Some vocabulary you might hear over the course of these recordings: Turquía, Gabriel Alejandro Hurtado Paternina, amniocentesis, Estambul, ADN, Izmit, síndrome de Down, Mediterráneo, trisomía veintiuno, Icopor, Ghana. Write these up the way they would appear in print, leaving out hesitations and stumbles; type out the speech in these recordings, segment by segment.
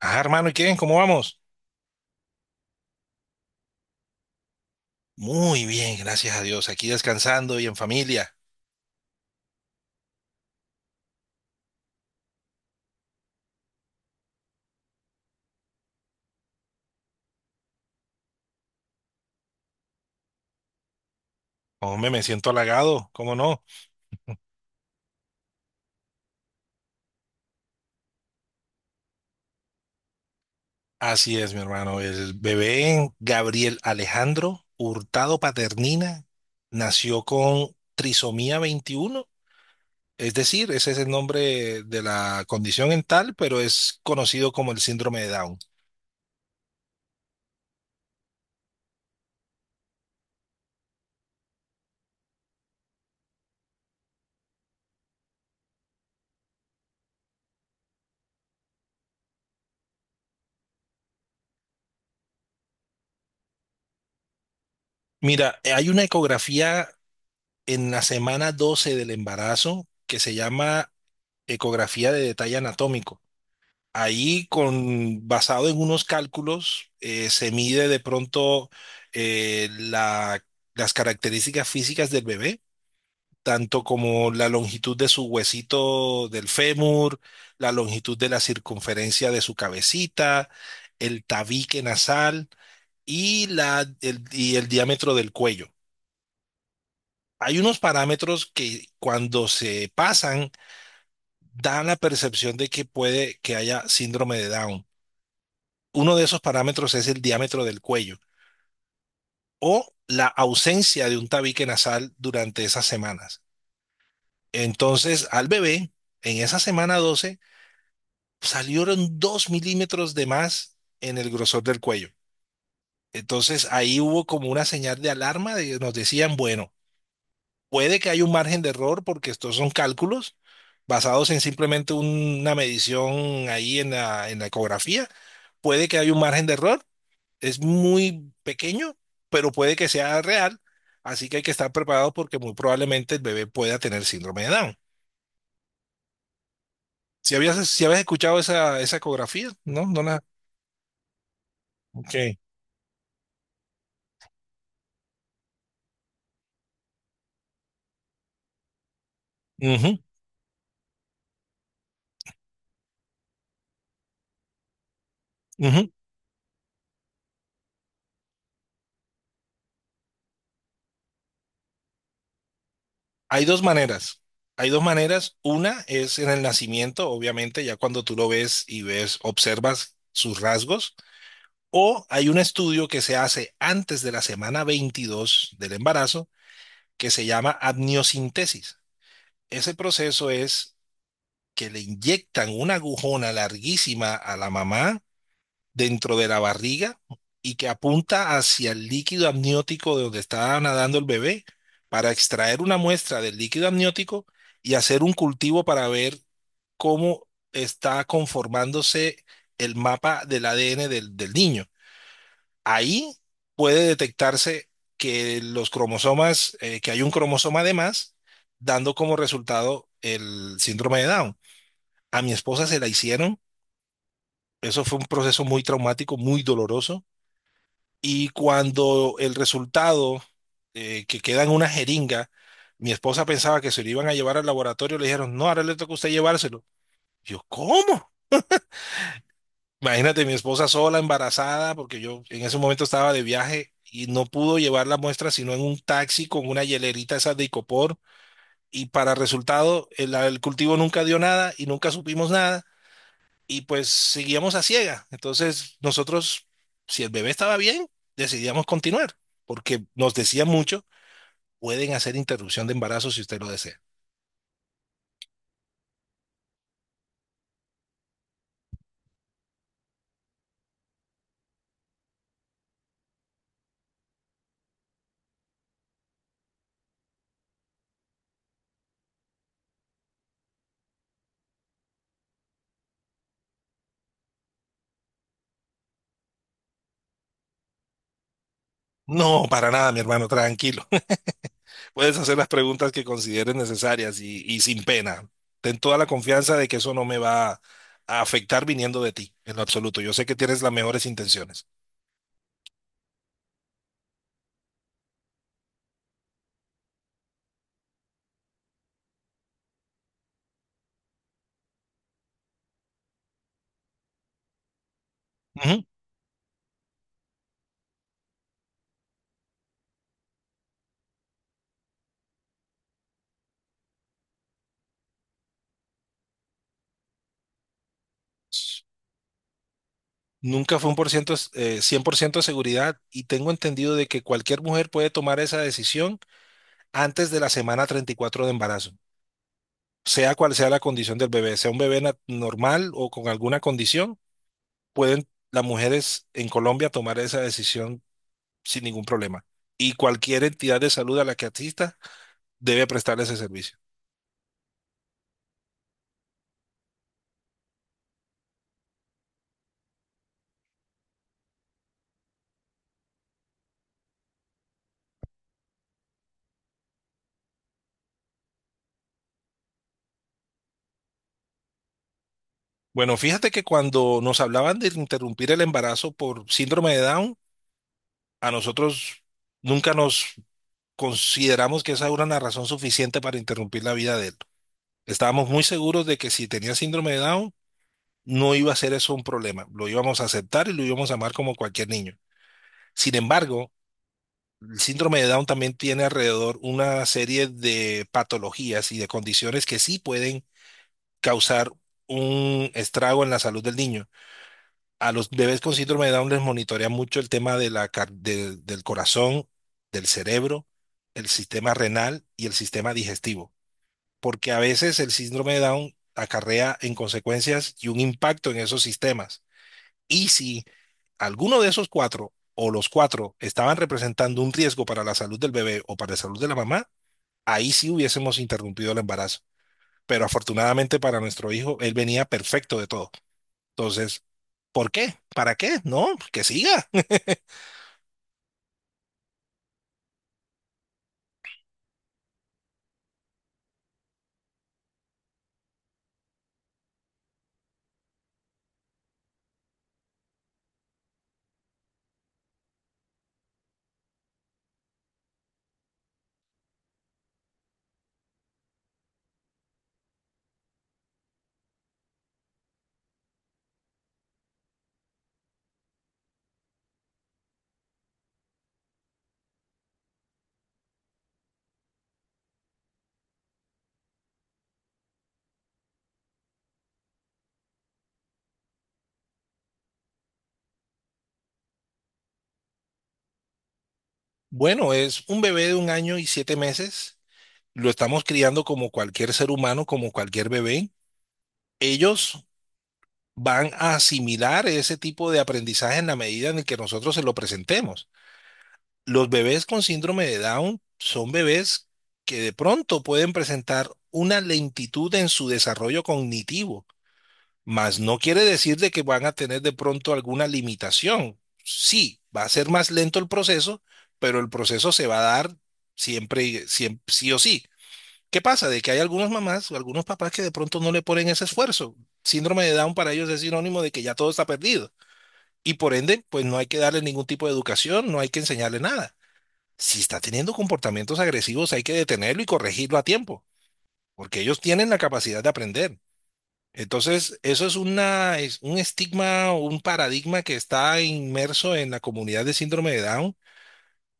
Ah, hermano, ¿y qué? ¿Cómo vamos? Muy bien, gracias a Dios. Aquí descansando y en familia. Hombre, me siento halagado, ¿cómo no? Así es, mi hermano. El bebé Gabriel Alejandro Hurtado Paternina nació con trisomía veintiuno. Es decir, ese es el nombre de la condición en tal, pero es conocido como el síndrome de Down. Mira, hay una ecografía en la semana 12 del embarazo que se llama ecografía de detalle anatómico. Ahí, con, basado en unos cálculos, se mide de pronto eh, la- las características físicas del bebé, tanto como la longitud de su huesito del fémur, la longitud de la circunferencia de su cabecita, el tabique nasal y, el diámetro del cuello. Hay unos parámetros que cuando se pasan dan la percepción de que puede que haya síndrome de Down. Uno de esos parámetros es el diámetro del cuello o la ausencia de un tabique nasal durante esas semanas. Entonces, al bebé, en esa semana 12, salieron 2 milímetros de más en el grosor del cuello. Entonces, ahí hubo como una señal de alarma de que nos decían, bueno, puede que haya un margen de error porque estos son cálculos basados en simplemente una medición ahí en la ecografía. Puede que haya un margen de error, es muy pequeño, pero puede que sea real, así que hay que estar preparado porque muy probablemente el bebé pueda tener síndrome de Down. Si habías escuchado esa, esa ecografía, ¿no? No la... Ok. Ujú, ujú. Hay dos maneras. Hay dos maneras. Una es en el nacimiento, obviamente, ya cuando tú lo ves y ves, observas sus rasgos. O hay un estudio que se hace antes de la semana 22 del embarazo que se llama amniocentesis. Ese proceso es que le inyectan una agujona larguísima a la mamá dentro de la barriga y que apunta hacia el líquido amniótico de donde está nadando el bebé para extraer una muestra del líquido amniótico y hacer un cultivo para ver cómo está conformándose el mapa del ADN del niño. Ahí puede detectarse que los cromosomas, que hay un cromosoma de más, dando como resultado el síndrome de Down. A mi esposa se la hicieron. Eso fue un proceso muy traumático, muy doloroso. Y cuando el resultado, que queda en una jeringa, mi esposa pensaba que se lo iban a llevar al laboratorio, le dijeron, no, ahora le toca a usted llevárselo. Yo, ¿cómo? Imagínate, mi esposa sola, embarazada, porque yo en ese momento estaba de viaje y no pudo llevar la muestra sino en un taxi con una hielerita esa de Icopor. Y para resultado, el cultivo nunca dio nada y nunca supimos nada. Y pues seguíamos a ciega. Entonces nosotros, si el bebé estaba bien, decidíamos continuar, porque nos decía mucho, pueden hacer interrupción de embarazo si usted lo desea. No, para nada, mi hermano, tranquilo. Puedes hacer las preguntas que consideres necesarias y sin pena. Ten toda la confianza de que eso no me va a afectar viniendo de ti, en lo absoluto. Yo sé que tienes las mejores intenciones. Ujú. Nunca fue un por ciento, 100% de seguridad y tengo entendido de que cualquier mujer puede tomar esa decisión antes de la semana 34 de embarazo, sea cual sea la condición del bebé, sea un bebé normal o con alguna condición, pueden las mujeres en Colombia tomar esa decisión sin ningún problema. Y cualquier entidad de salud a la que asista debe prestarle ese servicio. Bueno, fíjate que cuando nos hablaban de interrumpir el embarazo por síndrome de Down, a nosotros nunca nos consideramos que esa era una razón suficiente para interrumpir la vida de él. Estábamos muy seguros de que si tenía síndrome de Down, no iba a ser eso un problema. Lo íbamos a aceptar y lo íbamos a amar como cualquier niño. Sin embargo, el síndrome de Down también tiene alrededor una serie de patologías y de condiciones que sí pueden causar un estrago en la salud del niño. A los bebés con síndrome de Down les monitorea mucho el tema de la car- del del corazón, del cerebro, el sistema renal y el sistema digestivo, porque a veces el síndrome de Down acarrea en consecuencias y un impacto en esos sistemas. Y si alguno de esos cuatro o los cuatro estaban representando un riesgo para la salud del bebé o para la salud de la mamá, ahí sí hubiésemos interrumpido el embarazo. Pero afortunadamente para nuestro hijo, él venía perfecto de todo. Entonces, ¿por qué? ¿Para qué? No, que siga. Bueno, es un bebé de un año y siete meses. Lo estamos criando como cualquier ser humano, como cualquier bebé. Ellos van a asimilar ese tipo de aprendizaje en la medida en que nosotros se lo presentemos. Los bebés con síndrome de Down son bebés que de pronto pueden presentar una lentitud en su desarrollo cognitivo, mas no quiere decir de que van a tener de pronto alguna limitación. Sí, va a ser más lento el proceso, pero el proceso se va a dar siempre, siempre sí o sí. ¿Qué pasa? De que hay algunas mamás o algunos papás que de pronto no le ponen ese esfuerzo. Síndrome de Down para ellos es sinónimo de que ya todo está perdido y por ende, pues no hay que darle ningún tipo de educación, no hay que enseñarle nada. Si está teniendo comportamientos agresivos, hay que detenerlo y corregirlo a tiempo, porque ellos tienen la capacidad de aprender. Entonces, eso es una, es un estigma o un paradigma que está inmerso en la comunidad de síndrome de Down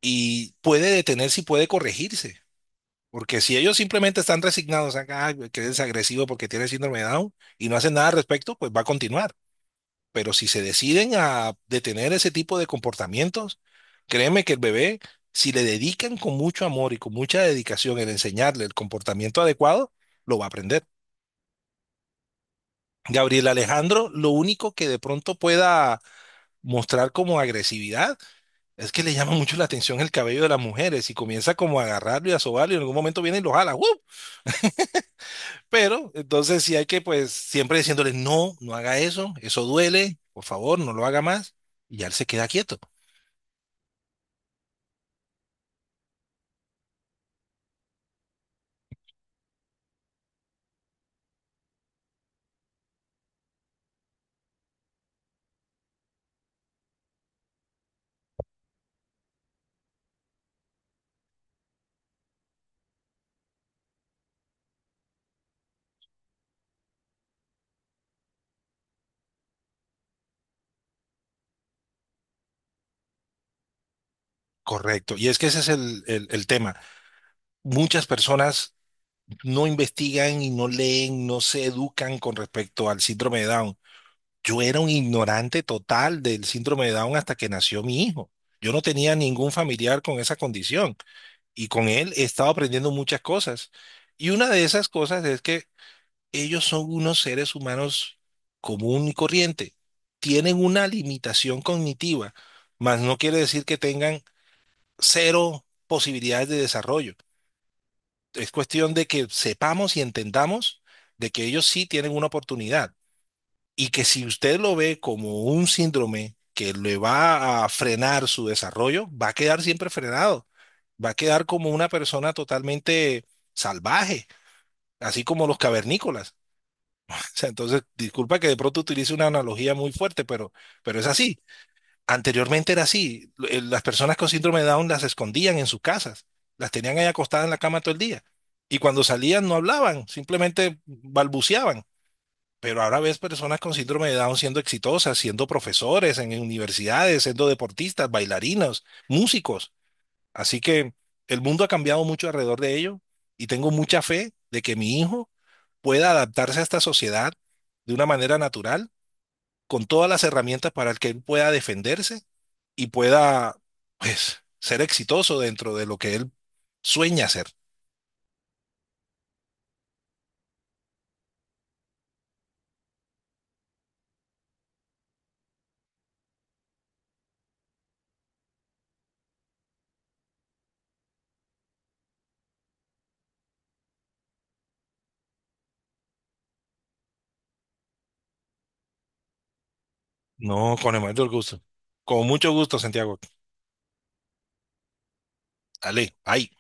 y puede detenerse y puede corregirse. Porque si ellos simplemente están resignados a que eres agresivo porque tienes síndrome de Down y no hacen nada al respecto, pues va a continuar. Pero si se deciden a detener ese tipo de comportamientos, créeme que el bebé, si le dedican con mucho amor y con mucha dedicación el enseñarle el comportamiento adecuado, lo va a aprender. Gabriel Alejandro, lo único que de pronto pueda mostrar como agresividad es que le llama mucho la atención el cabello de las mujeres y comienza como a agarrarlo y a sobarlo y en algún momento viene y lo jala. ¡Uh! Pero entonces sí hay que pues siempre diciéndole, no, no haga eso, eso duele, por favor, no lo haga más. Y ya él se queda quieto. Correcto. Y es que ese es el tema. Muchas personas no investigan y no leen, no se educan con respecto al síndrome de Down. Yo era un ignorante total del síndrome de Down hasta que nació mi hijo. Yo no tenía ningún familiar con esa condición y con él he estado aprendiendo muchas cosas. Y una de esas cosas es que ellos son unos seres humanos común y corriente. Tienen una limitación cognitiva, mas no quiere decir que tengan cero posibilidades de desarrollo. Es cuestión de que sepamos y entendamos de que ellos sí tienen una oportunidad y que si usted lo ve como un síndrome que le va a frenar su desarrollo, va a quedar siempre frenado, va a quedar como una persona totalmente salvaje, así como los cavernícolas. O sea, entonces, disculpa que de pronto utilice una analogía muy fuerte, pero es así. Anteriormente era así. Las personas con síndrome de Down las escondían en sus casas, las tenían ahí acostadas en la cama todo el día. Y cuando salían no hablaban, simplemente balbuceaban. Pero ahora ves personas con síndrome de Down siendo exitosas, siendo profesores en universidades, siendo deportistas, bailarinos, músicos. Así que el mundo ha cambiado mucho alrededor de ello y tengo mucha fe de que mi hijo pueda adaptarse a esta sociedad de una manera natural, con todas las herramientas para que él pueda defenderse y pueda, pues, ser exitoso dentro de lo que él sueña hacer. No, con el mayor gusto. Con mucho gusto, Santiago. Dale, bye.